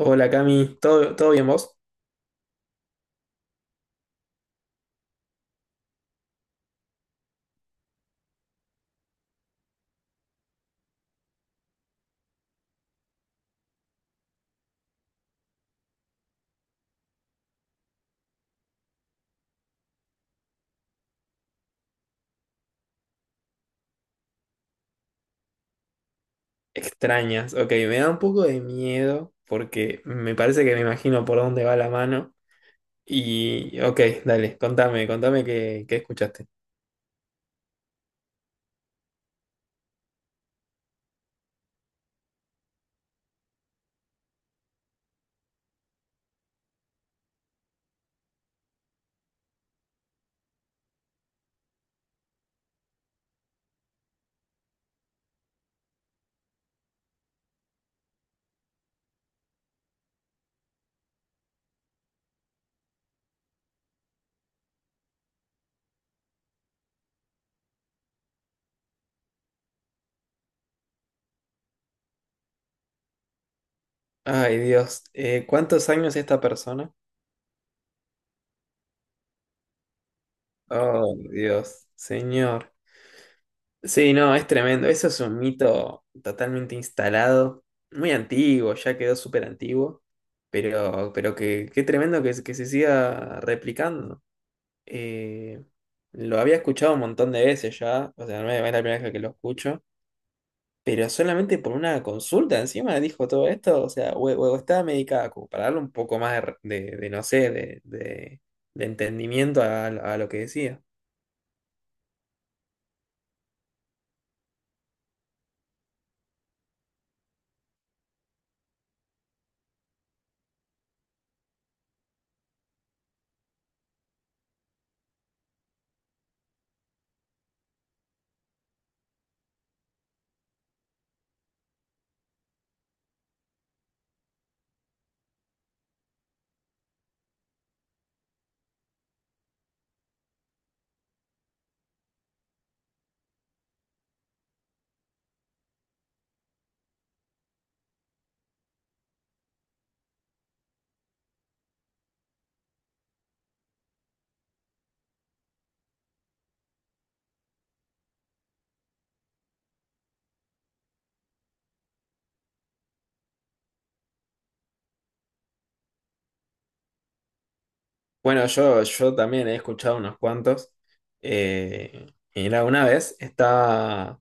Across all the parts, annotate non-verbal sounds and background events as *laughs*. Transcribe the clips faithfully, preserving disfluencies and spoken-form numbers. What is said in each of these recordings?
Hola Cami, ¿todo, todo bien vos? Extrañas, ok, me da un poco de miedo porque me parece que me imagino por dónde va la mano y ok, dale, contame, contame qué, qué escuchaste. Ay Dios, eh, ¿cuántos años esta persona? Oh Dios, señor. Sí, no, es tremendo, eso es un mito totalmente instalado, muy antiguo, ya quedó súper antiguo, pero, pero que, qué tremendo que, que se siga replicando. Eh, lo había escuchado un montón de veces ya, o sea, no es no es la primera vez que lo escucho, pero solamente por una consulta encima dijo todo esto, o sea, o, o estaba medicada, como para darle un poco más de, re- de- de, no sé, de, de- de entendimiento a, a lo que decía. Bueno, yo, yo también he escuchado unos cuantos. eh, y una vez estaba,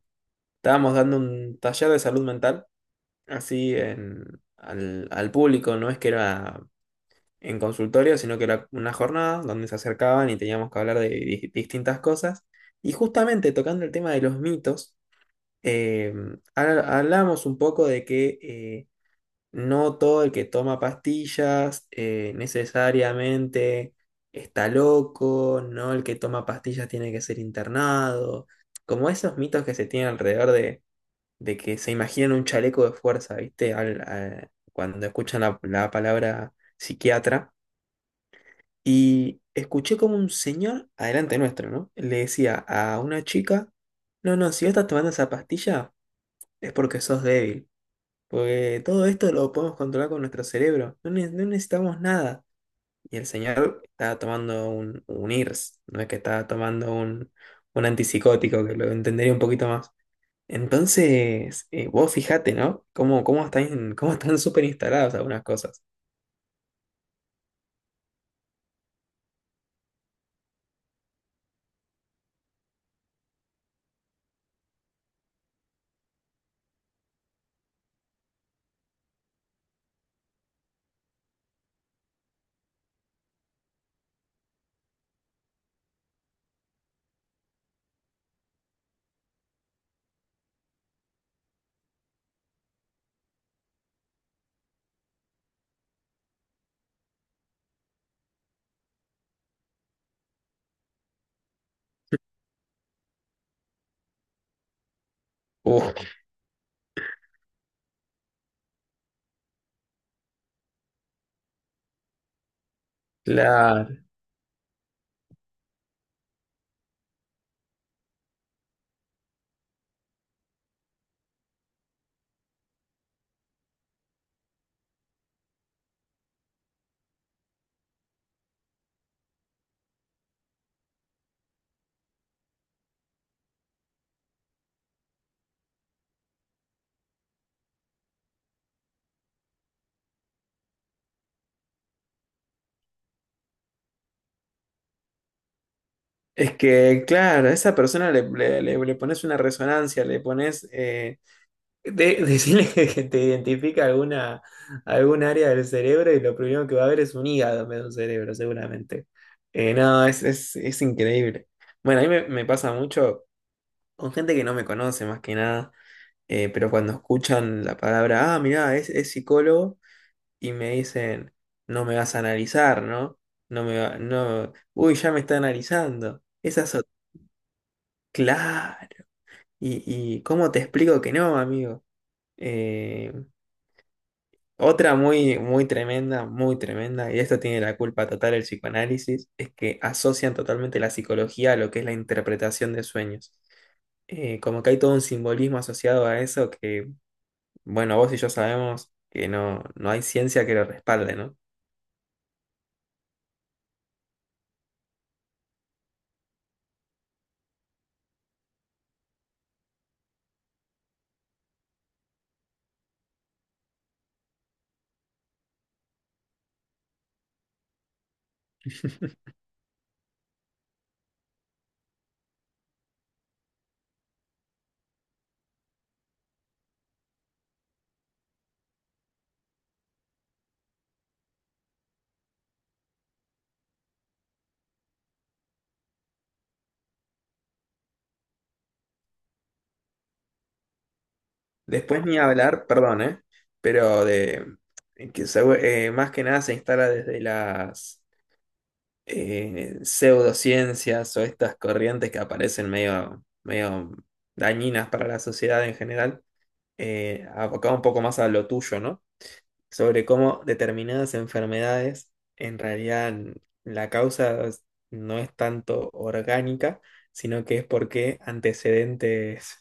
estábamos dando un taller de salud mental, así en- al, al público, no es que era en consultorio, sino que era una jornada donde se acercaban y teníamos que hablar de di- distintas cosas. Y justamente tocando el tema de los mitos, eh, ha- hablamos un poco de que eh, no todo el que toma pastillas eh, necesariamente está loco, no el que toma pastillas tiene que ser internado, como esos mitos que se tienen alrededor de, de que se imaginan un chaleco de fuerza, ¿viste? Al- al- cuando escuchan la la palabra psiquiatra. Y escuché como un señor, adelante nuestro, ¿no? Le decía a una chica, no, no, si vos estás tomando esa pastilla es porque sos débil, porque todo esto lo podemos controlar con nuestro cerebro, no, ne- no necesitamos nada. Y el señor estaba tomando un, un I R S, no es que estaba tomando un, un antipsicótico, que lo entendería un poquito más. Entonces, eh, vos fijate, ¿no? Cómo, cómo están, cómo están *laughs* súper instaladas algunas cosas. Uf, claro. Es que, claro, a esa persona le, le- le- le pones una resonancia, le pones, eh, de- *laughs* decirle que que te identifica alguna, algún área del cerebro y lo primero que va a ver es un hígado en vez de un cerebro, seguramente. Eh, no, es, es, es increíble. Bueno, a mí me, me pasa mucho con gente que no me conoce más que nada, eh, pero cuando escuchan la palabra, ah, mirá, es, es psicólogo, y me dicen, no me vas a analizar, ¿no? No me va- no, uy, ya me está analizando. Esas Claro. ¿Y, y cómo te explico que no, amigo? Eh, otra muy, muy tremenda, muy tremenda, y esto tiene la culpa total el psicoanálisis, es que asocian totalmente la psicología a lo que es la interpretación de sueños. Eh, como que hay todo un simbolismo asociado a eso que, bueno, vos y yo sabemos que no, no hay ciencia que lo respalde, ¿no? Después ni hablar, perdón, ¿eh? Pero de que segu- eh, más que nada se instala desde las eh, pseudociencias o estas corrientes que aparecen medio, medio dañinas para la sociedad en general, eh, abocado un poco más a lo tuyo, ¿no? Sobre cómo determinadas enfermedades, en realidad la causa es- no es tanto orgánica, sino que es porque antecedentes,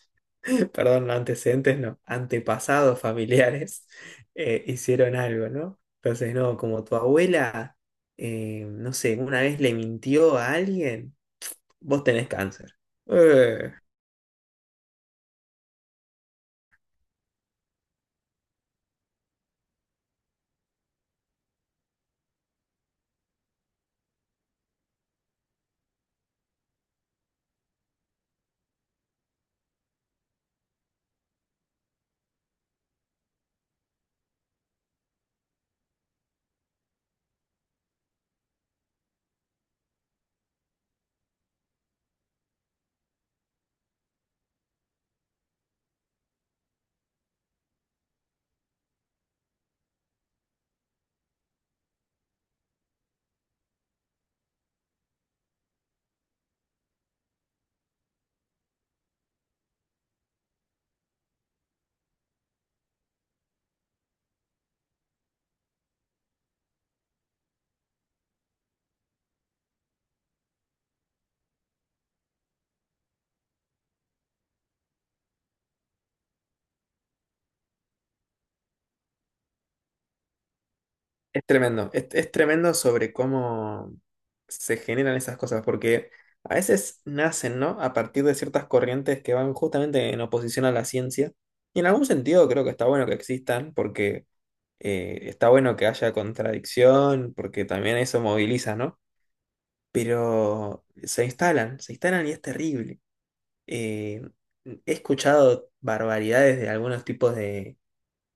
perdón, no antecedentes, no, antepasados familiares *laughs* eh, hicieron algo, ¿no? Entonces, no, como tu abuela, eh, no sé, una vez le mintió a alguien, vos tenés cáncer. Eh, es tremendo, es, es tremendo sobre cómo se generan esas cosas, porque a veces nacen, ¿no? A partir de ciertas corrientes que van justamente en oposición a la ciencia. Y en algún sentido creo que está bueno que existan, porque Eh, está bueno que haya contradicción, porque también eso moviliza, ¿no? Pero se instalan, se instalan y es terrible. Eh, He escuchado barbaridades de algunos tipos de,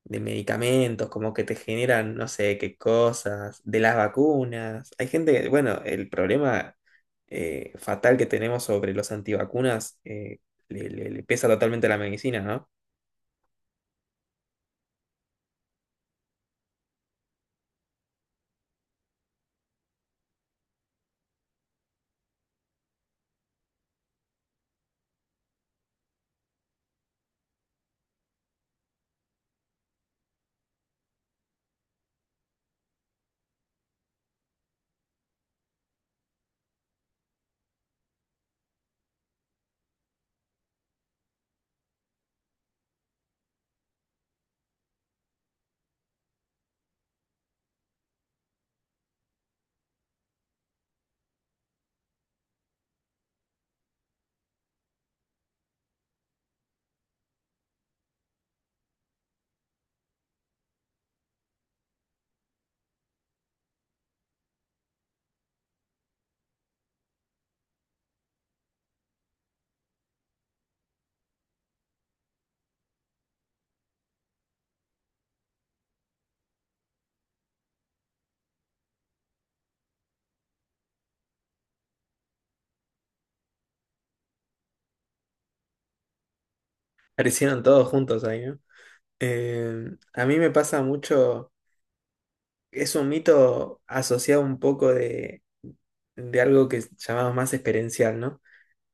de medicamentos, como que te generan no sé qué cosas, de las vacunas. Hay gente que, bueno, el problema eh, fatal que tenemos sobre los antivacunas eh, le, le- le pesa totalmente a la medicina, ¿no? *laughs* Aparecieron todos juntos ahí, ¿no? Eh, a mí me pasa mucho, es un mito asociado un poco de, de algo que llamamos más experiencial, ¿no?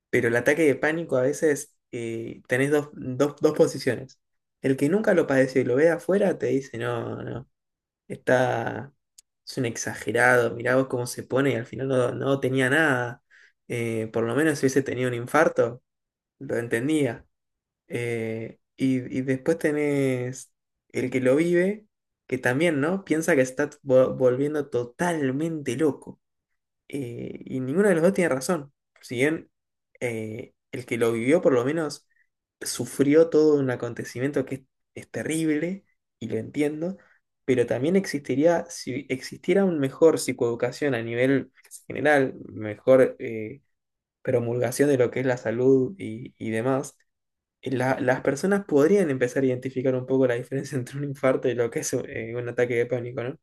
Pero el ataque de pánico a veces eh, tenés dos, dos, dos posiciones. El que nunca lo padeció y lo ve de afuera te dice, no, no, está, es un exagerado, mirá vos cómo se pone y al final no, no tenía nada. Eh, por lo menos si hubiese tenido un infarto, lo entendía. Eh, y, y después tenés el que lo vive, que también, ¿no? Piensa que se está vo- volviendo totalmente loco. Eh, y ninguno de los dos tiene razón. Si bien eh, el que lo vivió por lo menos sufrió todo un acontecimiento que es, es terrible, y lo entiendo, pero también existiría, si existiera un mejor psicoeducación a nivel general, mejor eh, promulgación de lo que es la salud y, y demás la- las personas podrían empezar a identificar un poco la diferencia *laughs* entre un infarto y lo que es un, eh, un ataque de pánico, ¿no?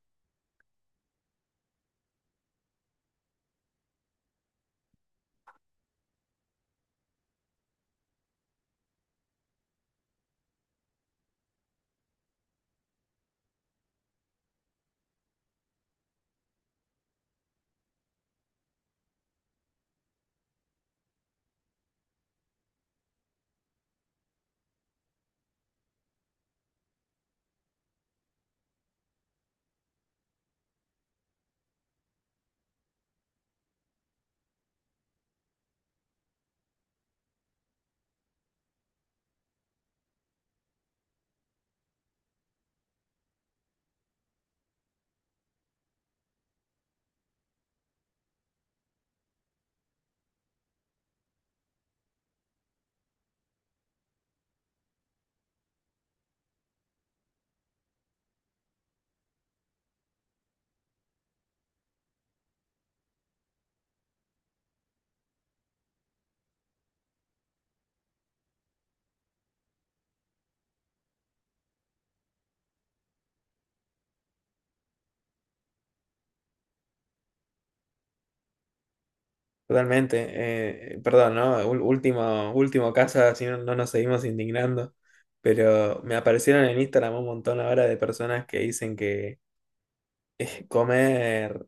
Totalmente. eh, perdón, ¿no? Ul- último, último caso, si no, no nos seguimos indignando. Pero me aparecieron en Instagram un montón ahora de personas que dicen que eh, comer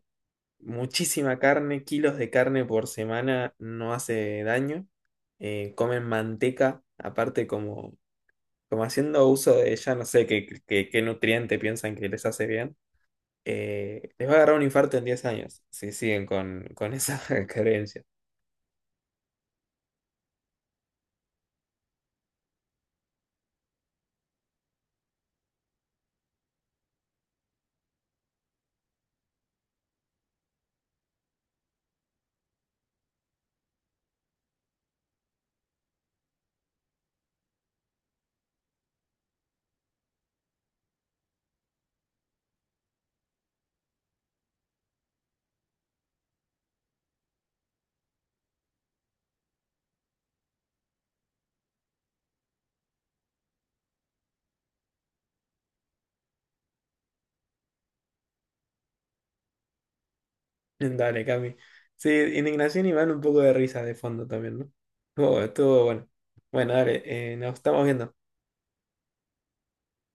muchísima carne, kilos de carne por semana, no hace daño. eh, comen manteca, aparte como, como haciendo uso de ella, no sé qué, qué qué nutriente piensan que les hace bien. Eh, les va a agarrar un infarto en diez años si siguen con, con esa *laughs* creencia. Dale, Cami. Sí, indignación y van un poco de risa de fondo también, ¿no? Estuvo, estuvo bueno. Bueno, dale, eh, nos estamos viendo.